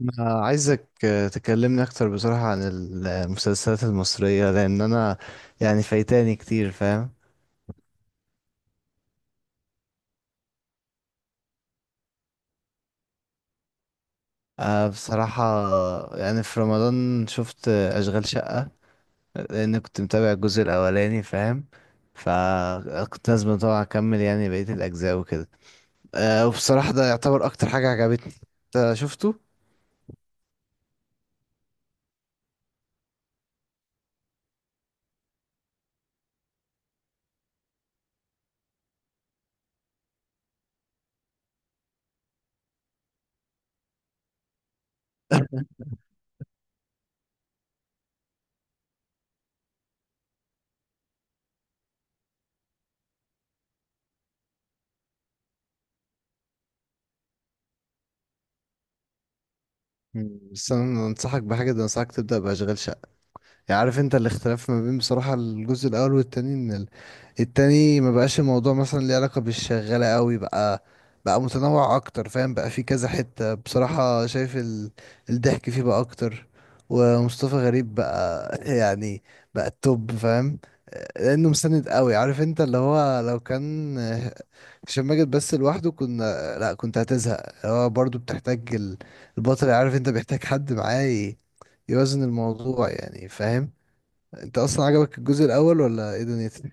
أنا عايزك تكلمني أكتر بصراحة عن المسلسلات المصرية، لأن أنا يعني فايتاني كتير، فاهم. بصراحة، يعني في رمضان شفت أشغال شقة، لأن كنت متابع الجزء الأولاني، فاهم. فكنت لازم طبعا أكمل يعني بقية الأجزاء وكده. وبصراحة ده يعتبر أكتر حاجة عجبتني. أنت شفته؟ مم. بس أنا أنصحك بحاجة، ده أنصحك تبدأ بأشغال شقة. يعني عارف انت الاختلاف ما بين بصراحة الجزء الاول والتاني، ان التاني ما بقاش الموضوع مثلا ليه علاقة بالشغالة قوي. بقى متنوع اكتر، فاهم، بقى في كذا حتة بصراحة، شايف الضحك فيه بقى اكتر. ومصطفى غريب بقى يعني بقى التوب، فاهم، لانه مستند قوي، عارف انت اللي هو لو كان هشام ماجد بس لوحده كنا لا كنت هتزهق. هو برضو بتحتاج البطل، عارف انت، بيحتاج حد معاه يوازن الموضوع يعني، فاهم. انت اصلا عجبك الجزء الاول ولا ايه دنيتك؟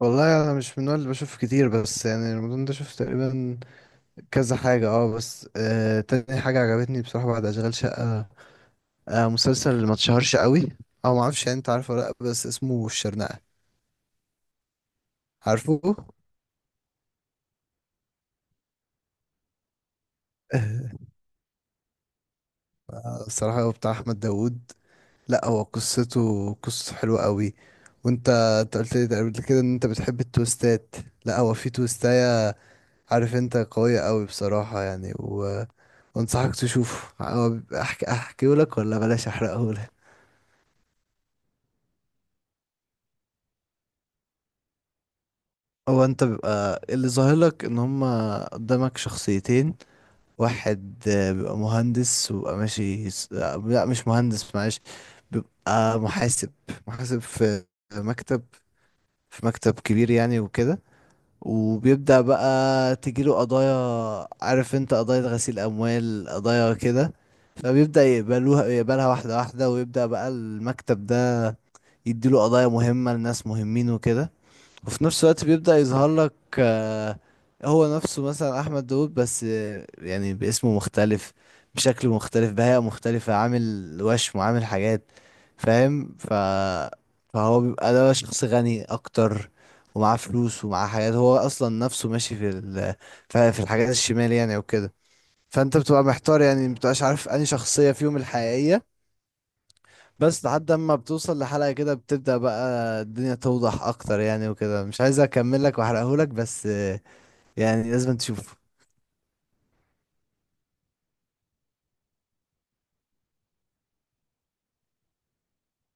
والله انا مش من النوع اللي بشوف كتير، بس يعني رمضان ده شفت تقريبا كذا حاجه. اه بس تاني حاجه عجبتني بصراحه بعد اشغال شقه، مسلسل اللي ما اتشهرش قوي او ما اعرفش يعني، انت عارفه ولا لا؟ بس اسمه الشرنقه، عارفه؟ آه، بصراحه هو بتاع احمد داوود. لا هو قصته حلوه. قبل كده وانت قلت لي قبل كده ان انت بتحب التويستات. لا هو في تويستاية، عارف انت، قوية قوي بصراحة، يعني وانصحك تشوفه. هو بيبقى احكي احكيه لك ولا بلاش احرقه لك؟ هو انت بيبقى اللي ظاهر لك ان هما قدامك شخصيتين. واحد بيبقى مهندس وبيبقى ماشي لا مش مهندس معلش، بيبقى محاسب. محاسب في مكتب، في مكتب كبير يعني وكده. وبيبدأ بقى تجيله قضايا، عارف انت، قضايا غسيل أموال، قضايا كده. فبيبدأ يقبلوها يقبلها واحدة واحدة، ويبدأ بقى المكتب ده يديله قضايا مهمة لناس مهمين وكده. وفي نفس الوقت بيبدأ يظهر لك آه، هو نفسه مثلا أحمد داود، بس يعني باسمه مختلف، بشكل مختلف، بهيئة مختلفة، عامل وشم وعامل حاجات، فاهم. فهو بيبقى ده شخص غني أكتر، ومعاه فلوس ومعاه حاجات، هو أصلا نفسه ماشي في ال... في في الحاجات الشمال يعني وكده. فأنت بتبقى محتار يعني، مبتبقاش عارف أنهي شخصية فيهم الحقيقية، بس لحد اما بتوصل لحلقة كده بتبدأ بقى الدنيا توضح اكتر يعني وكده. مش عايز اكمل لك واحرقهولك، بس يعني لازم تشوفه.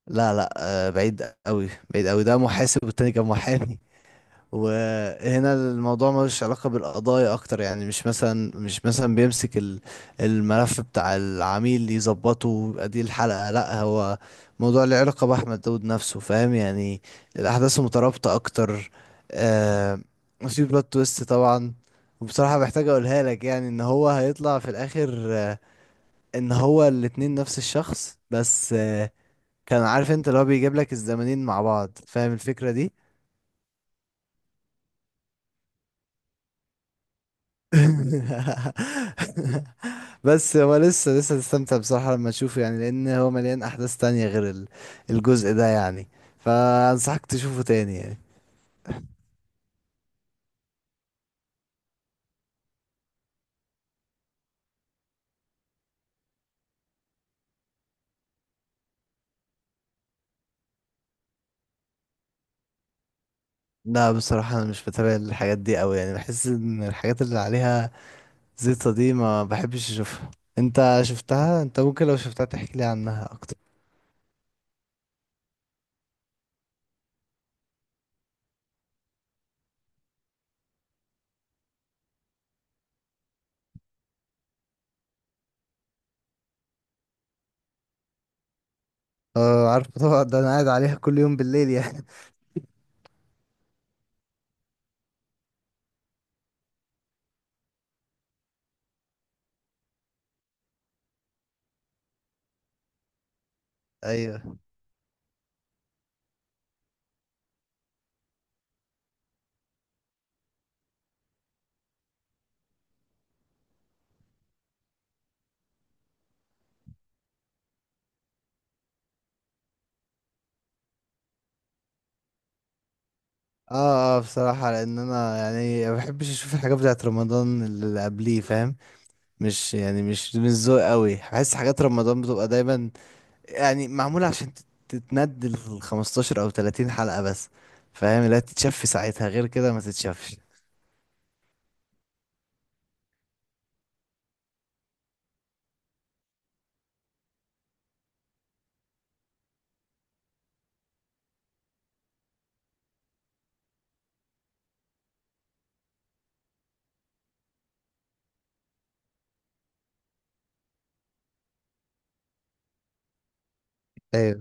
لا لا، بعيد قوي بعيد قوي، ده محاسب والتاني كان محامي. وهنا الموضوع ملوش علاقة بالقضايا أكتر، يعني مش مثلا بيمسك الملف بتاع العميل يظبطه ويبقى دي الحلقة، لأ. هو موضوع له علاقة بأحمد داود نفسه، فاهم يعني، الأحداث مترابطة أكتر. آه، في بلوت تويست طبعا. وبصراحة محتاج أقولها لك، يعني إن هو هيطلع في الآخر آه، إن هو الاتنين نفس الشخص، بس آه، كان عارف انت اللي هو بيجيب لك الزمانين مع بعض، فاهم الفكرة دي؟ بس هو لسه هتستمتع بصراحة لما تشوفه، يعني لأن هو مليان أحداث تانية غير الجزء ده يعني. فأنصحك تشوفه تاني يعني. لا، بصراحة أنا مش بتابع الحاجات دي أوي، يعني بحس إن الحاجات اللي عليها زيطة دي ما بحبش أشوفها. أنت شفتها؟ أنت ممكن لو شفتها تحكي لي عنها أكتر. أه عارف طبعا، ده أنا قاعد عليها كل يوم بالليل يعني. أيوه. اه اه، بصراحة لأن أنا يعني ما بحبش أشوف الحاجات بتاعت رمضان اللي قبليه، فاهم، مش يعني مش من ذوق قوي. بحس حاجات رمضان بتبقى دايما يعني معمولة عشان تتندل 15 او 30 حلقة بس، فاهم. لا تتشاف في ساعتها غير كده ما تتشافش. ايوه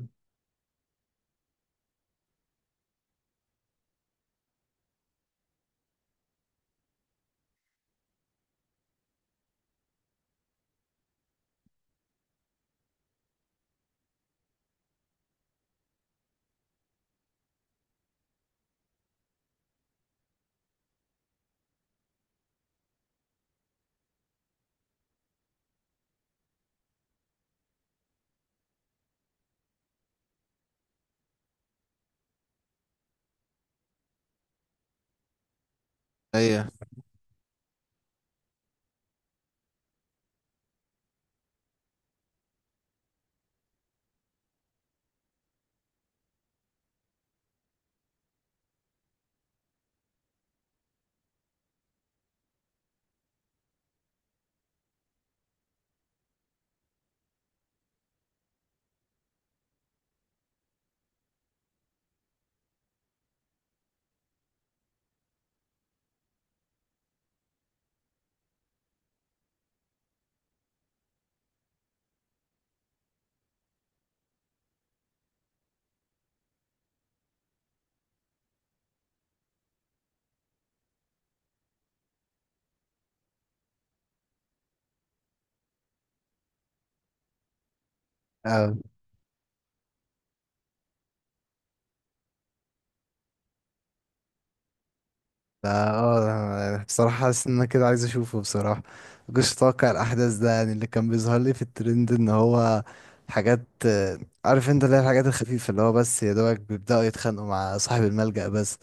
ايوه. لا اه، أنا بصراحة حاسس ان انا كده عايز اشوفه بصراحة. مكنتش متوقع الاحداث ده، يعني اللي كان بيظهر لي في الترند ان هو حاجات عارف انت اللي هي الحاجات الخفيفة، اللي هو بس يا دوبك بيبدأوا يتخانقوا مع صاحب الملجأ بس.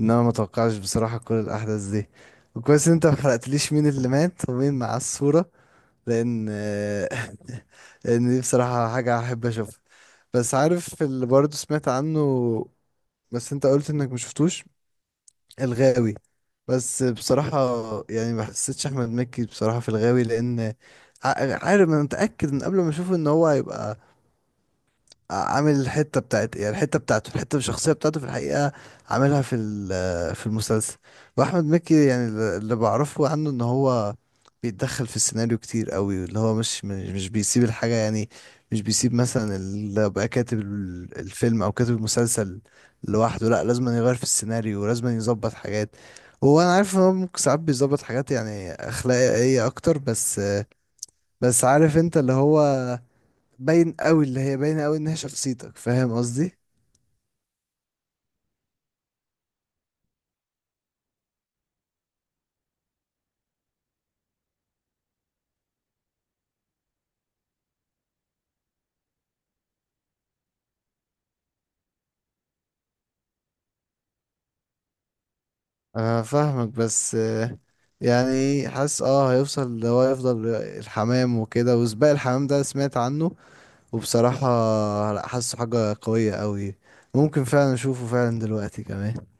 انما ما توقعش بصراحة كل الاحداث دي. وكويس ان انت ما حرقتليش مين اللي مات ومين مع الصورة، لان لان دي بصراحة حاجة احب اشوفها. بس عارف اللي برضه سمعت عنه، بس انت قلت انك مشفتوش، الغاوي. بس بصراحة يعني ما حسيتش أحمد مكي بصراحة في الغاوي، لأن عارف أنا متأكد من قبل ما أشوفه إن هو هيبقى عامل الحته بتاعت يعني الحته بتاعته، الحته الشخصيه بتاعته في الحقيقه عاملها في المسلسل. واحمد مكي يعني اللي بعرفه عنه ان هو بيتدخل في السيناريو كتير قوي، اللي هو مش بيسيب الحاجه يعني، مش بيسيب مثلا اللي بقى كاتب الفيلم او كاتب المسلسل لوحده، لا لازم يغير في السيناريو ولازم يظبط حاجات. هو انا عارف ان هو ممكن ساعات بيظبط حاجات يعني اخلاقيه اكتر، بس عارف انت اللي هو باين قوي، اللي هي باينه قوي ان هي شخصيتك، فاهم قصدي؟ انا فاهمك، بس يعني حاسس اه هيوصل اللي هو يفضل الحمام وكده، وسباق الحمام ده سمعت عنه. وبصراحة لا، حاسه حاجة قوية قوي، ممكن فعلا اشوفه فعلا دلوقتي كمان